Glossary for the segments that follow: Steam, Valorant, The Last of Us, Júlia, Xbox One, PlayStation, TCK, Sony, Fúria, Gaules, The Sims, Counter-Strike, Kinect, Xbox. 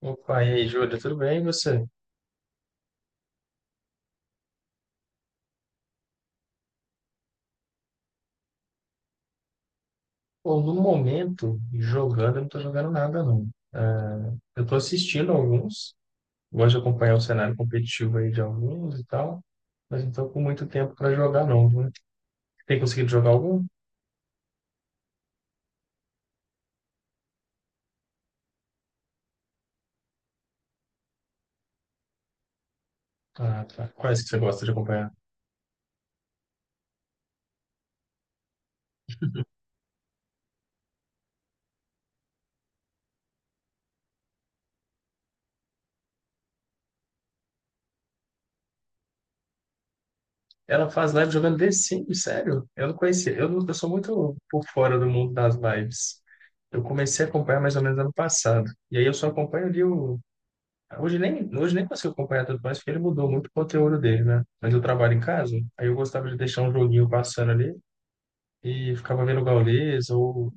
Opa, e aí, Júlia, tudo bem? E você? Pô, no momento, jogando, eu não tô jogando nada, não. É, eu tô assistindo alguns, gosto de acompanhar o cenário competitivo aí de alguns e tal, mas não tô com muito tempo para jogar, não, viu? Tem conseguido jogar algum? Ah, tá. Quais que você gosta de acompanhar? Ela faz live jogando The Sims, sério? Eu não conhecia. Eu, não- Eu sou muito por fora do mundo das lives. Eu comecei a acompanhar mais ou menos ano passado. E aí eu só acompanho ali o... hoje nem consigo acompanhar tudo, mais porque ele mudou muito o conteúdo dele, né? Mas eu trabalho em casa, aí eu gostava de deixar um joguinho passando ali e ficava vendo o Gaules ou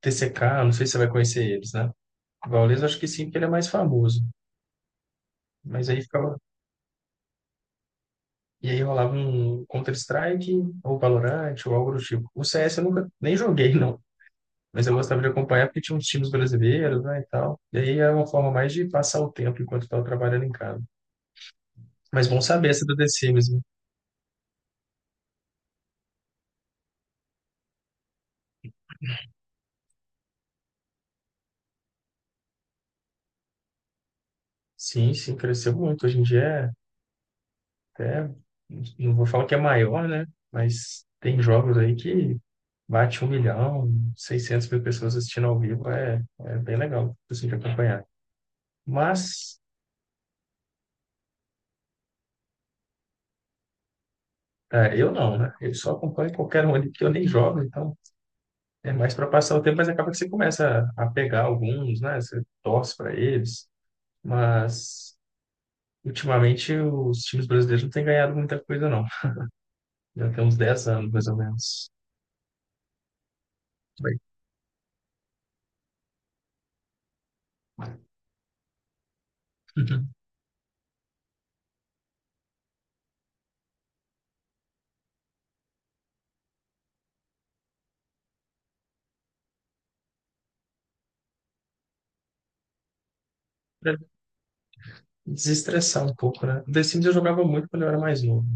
TCK, não sei se você vai conhecer eles, né? O Gaules eu acho que sim, porque ele é mais famoso, mas aí ficava... E aí rolava um Counter-Strike ou Valorant ou algo do tipo. O CS eu nunca nem joguei, não. Mas eu gostava de acompanhar porque tinha uns times brasileiros, né, e tal. E aí é uma forma mais de passar o tempo enquanto estava trabalhando em casa. Mas bom saber essa do The Sims. Sim, sim, cresceu muito. Hoje em dia é até, não vou falar que é maior, né? Mas tem jogos aí que bate 1 milhão, 600 mil pessoas assistindo ao vivo, é bem legal, assim, de acompanhar. Mas é, eu não, né? Eu só acompanho qualquer um ali, porque eu nem jogo, então é mais para passar o tempo, mas acaba que você começa a pegar alguns, né? Você torce para eles, mas ultimamente os times brasileiros não têm ganhado muita coisa, não. Já tem uns 10 anos, mais ou menos. Bem. Desestressar um pouco, né? The Sims eu jogava muito quando eu era mais novo.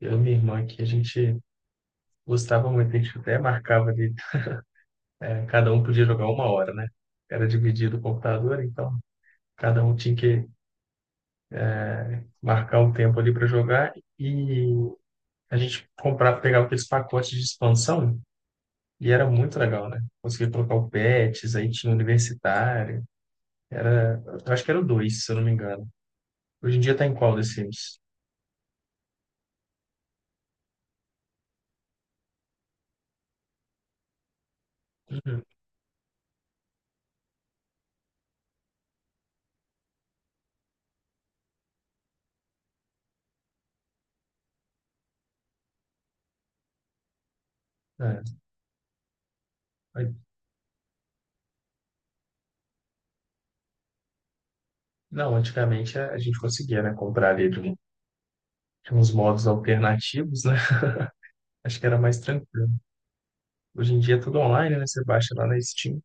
Eu e minha irmã aqui, a gente gostava muito, a gente até marcava ali, cada um podia jogar 1 hora, né? Era dividido o computador, então cada um tinha que marcar um tempo ali para jogar e a gente comprava, pegava aqueles pacotes de expansão e era muito legal, né? Conseguia colocar o Pets, aí tinha o Universitário, era, eu acho que era o 2, se eu não me engano. Hoje em dia tá em qual The Sims? Uhum. É. Não, antigamente a gente conseguia, né, comprar ali de um- de uns modos alternativos, né? Acho que era mais tranquilo. Hoje em dia é tudo online, né? Você baixa lá na Steam.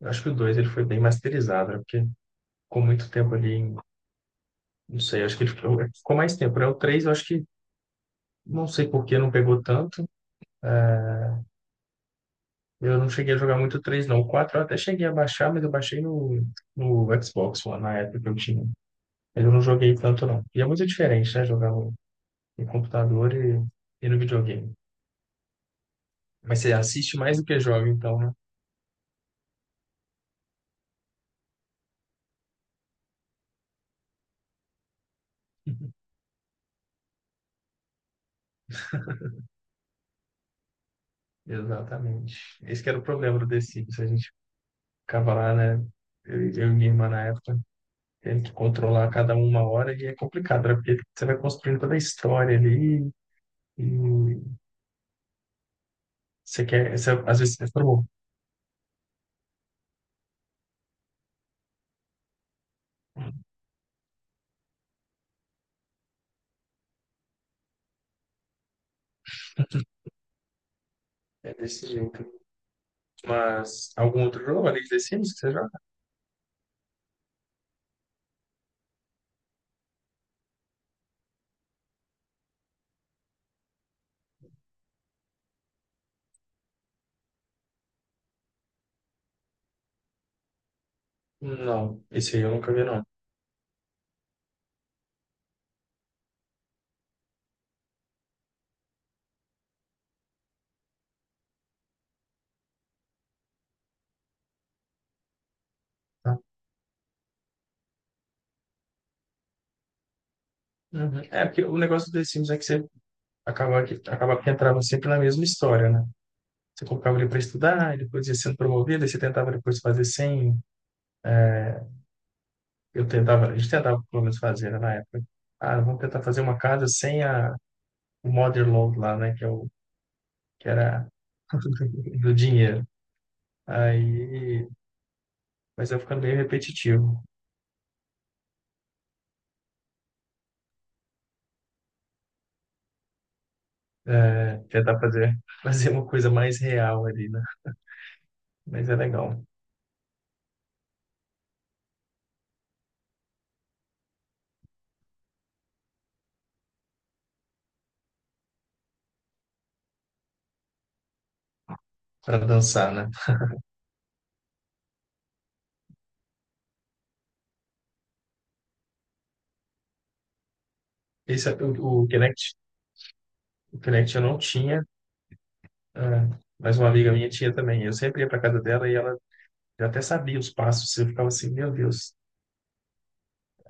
Eu acho que o 2 ele foi bem masterizado, né? Porque ficou muito tempo ali, não sei, acho que ele ficou, ficou mais tempo, né? O 3, eu acho que, não sei por que não pegou tanto. É, eu não cheguei a jogar muito o 3, não. O 4 eu até cheguei a baixar, mas eu baixei no Xbox One, na época que eu tinha. Mas eu não joguei tanto, não. E é muito diferente, né? Jogar no computador e no videogame. Mas você assiste mais do que joga, então, né? Exatamente. Esse que era o problema do The Sims. A gente ficava lá, né? Eu e minha irmã na época, tendo que controlar cada um 1 hora, e é complicado, né? Porque você vai construindo toda a história ali, e você quer. Às vezes você fala, é desse jeito. Mas algum outro jogo além de The Sims que você joga? Não, esse aí eu nunca vi, não. Tá? Uhum. É, porque o negócio do The Sims é que você acaba que entrava sempre na mesma história, né? Você colocava ele para estudar, ele depois ia sendo promovido, aí você tentava depois fazer sem... Eu tentava, a gente tentava pelo menos fazer né, na época. Ah, vamos tentar fazer uma casa sem o mother load lá, né? Que era do dinheiro. Aí, mas vai ficando meio repetitivo. É, tentar fazer, fazer uma coisa mais real ali, né? Mas é legal para dançar, né? Esse, é o, o Kinect, o Kinect eu não tinha, é, mas uma amiga minha tinha também. Eu sempre ia para casa dela e ela... Eu até sabia os passos, eu ficava assim, meu Deus,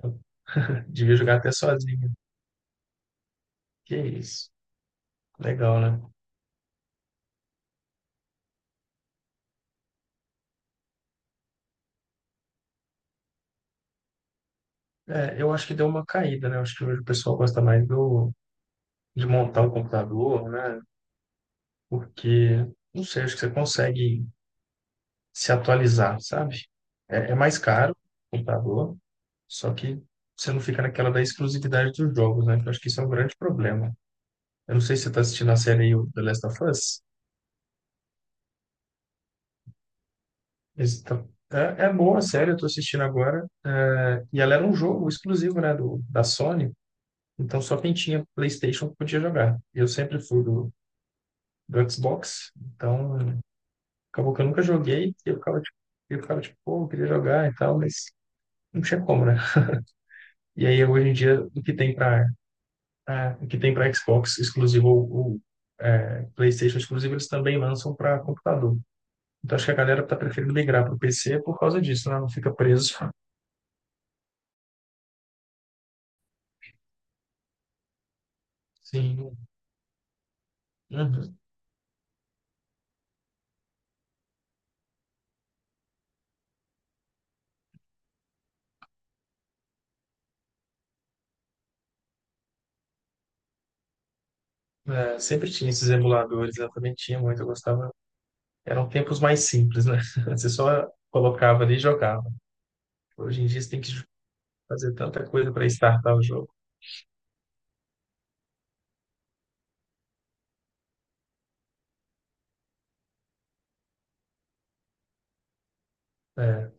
eu devia jogar até sozinho. Que isso. Legal, né? É, eu acho que deu uma caída, né? Eu acho que hoje o pessoal gosta mais de montar o computador, né? Porque, não sei, acho que você consegue se atualizar, sabe? É mais caro o computador, só que você não fica naquela da exclusividade dos jogos, né? Que eu acho que isso é um grande problema. Eu não sei se você está assistindo a série aí, o The Last of Us. Então, é boa, sério, eu tô assistindo agora. É, e ela era um jogo exclusivo, né, da Sony. Então só quem tinha PlayStation podia jogar. Eu sempre fui do Xbox, então acabou que eu nunca joguei. E eu ficava, tipo, pô, eu queria jogar e tal, mas não tinha como, né? E aí hoje em dia o que tem para Xbox exclusivo é, PlayStation exclusivo, eles também lançam para computador. Então acho que a galera tá preferindo migrar para o PC por causa disso, né? Não fica preso. Sim. Uhum. É, sempre tinha esses emuladores, eu também tinha muito, eu gostava. Eram tempos mais simples, né? Você só colocava ali e jogava. Hoje em dia você tem que fazer tanta coisa para startar o jogo.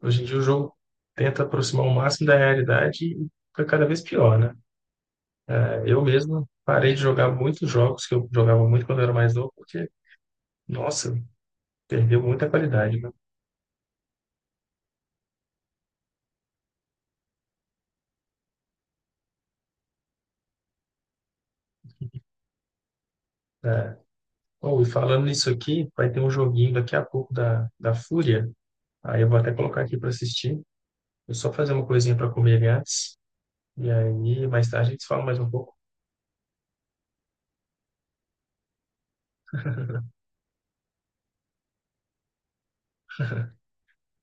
Hoje em dia o jogo tenta aproximar o máximo da realidade e fica cada vez pior, né? É, eu mesmo parei de jogar muitos jogos que eu jogava muito quando eu era mais novo, porque, nossa, perdeu muita qualidade, né? É. Oh, e falando nisso aqui, vai ter um joguinho daqui a pouco da Fúria. Aí eu vou até colocar aqui para assistir. Eu só fazer uma coisinha para comer ali antes. E aí, mais tarde, a gente fala mais um pouco.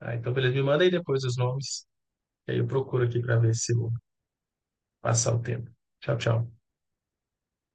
Ah, então, beleza. Me manda aí depois os nomes. E aí eu procuro aqui para ver se eu vou passar o tempo. Tchau, tchau.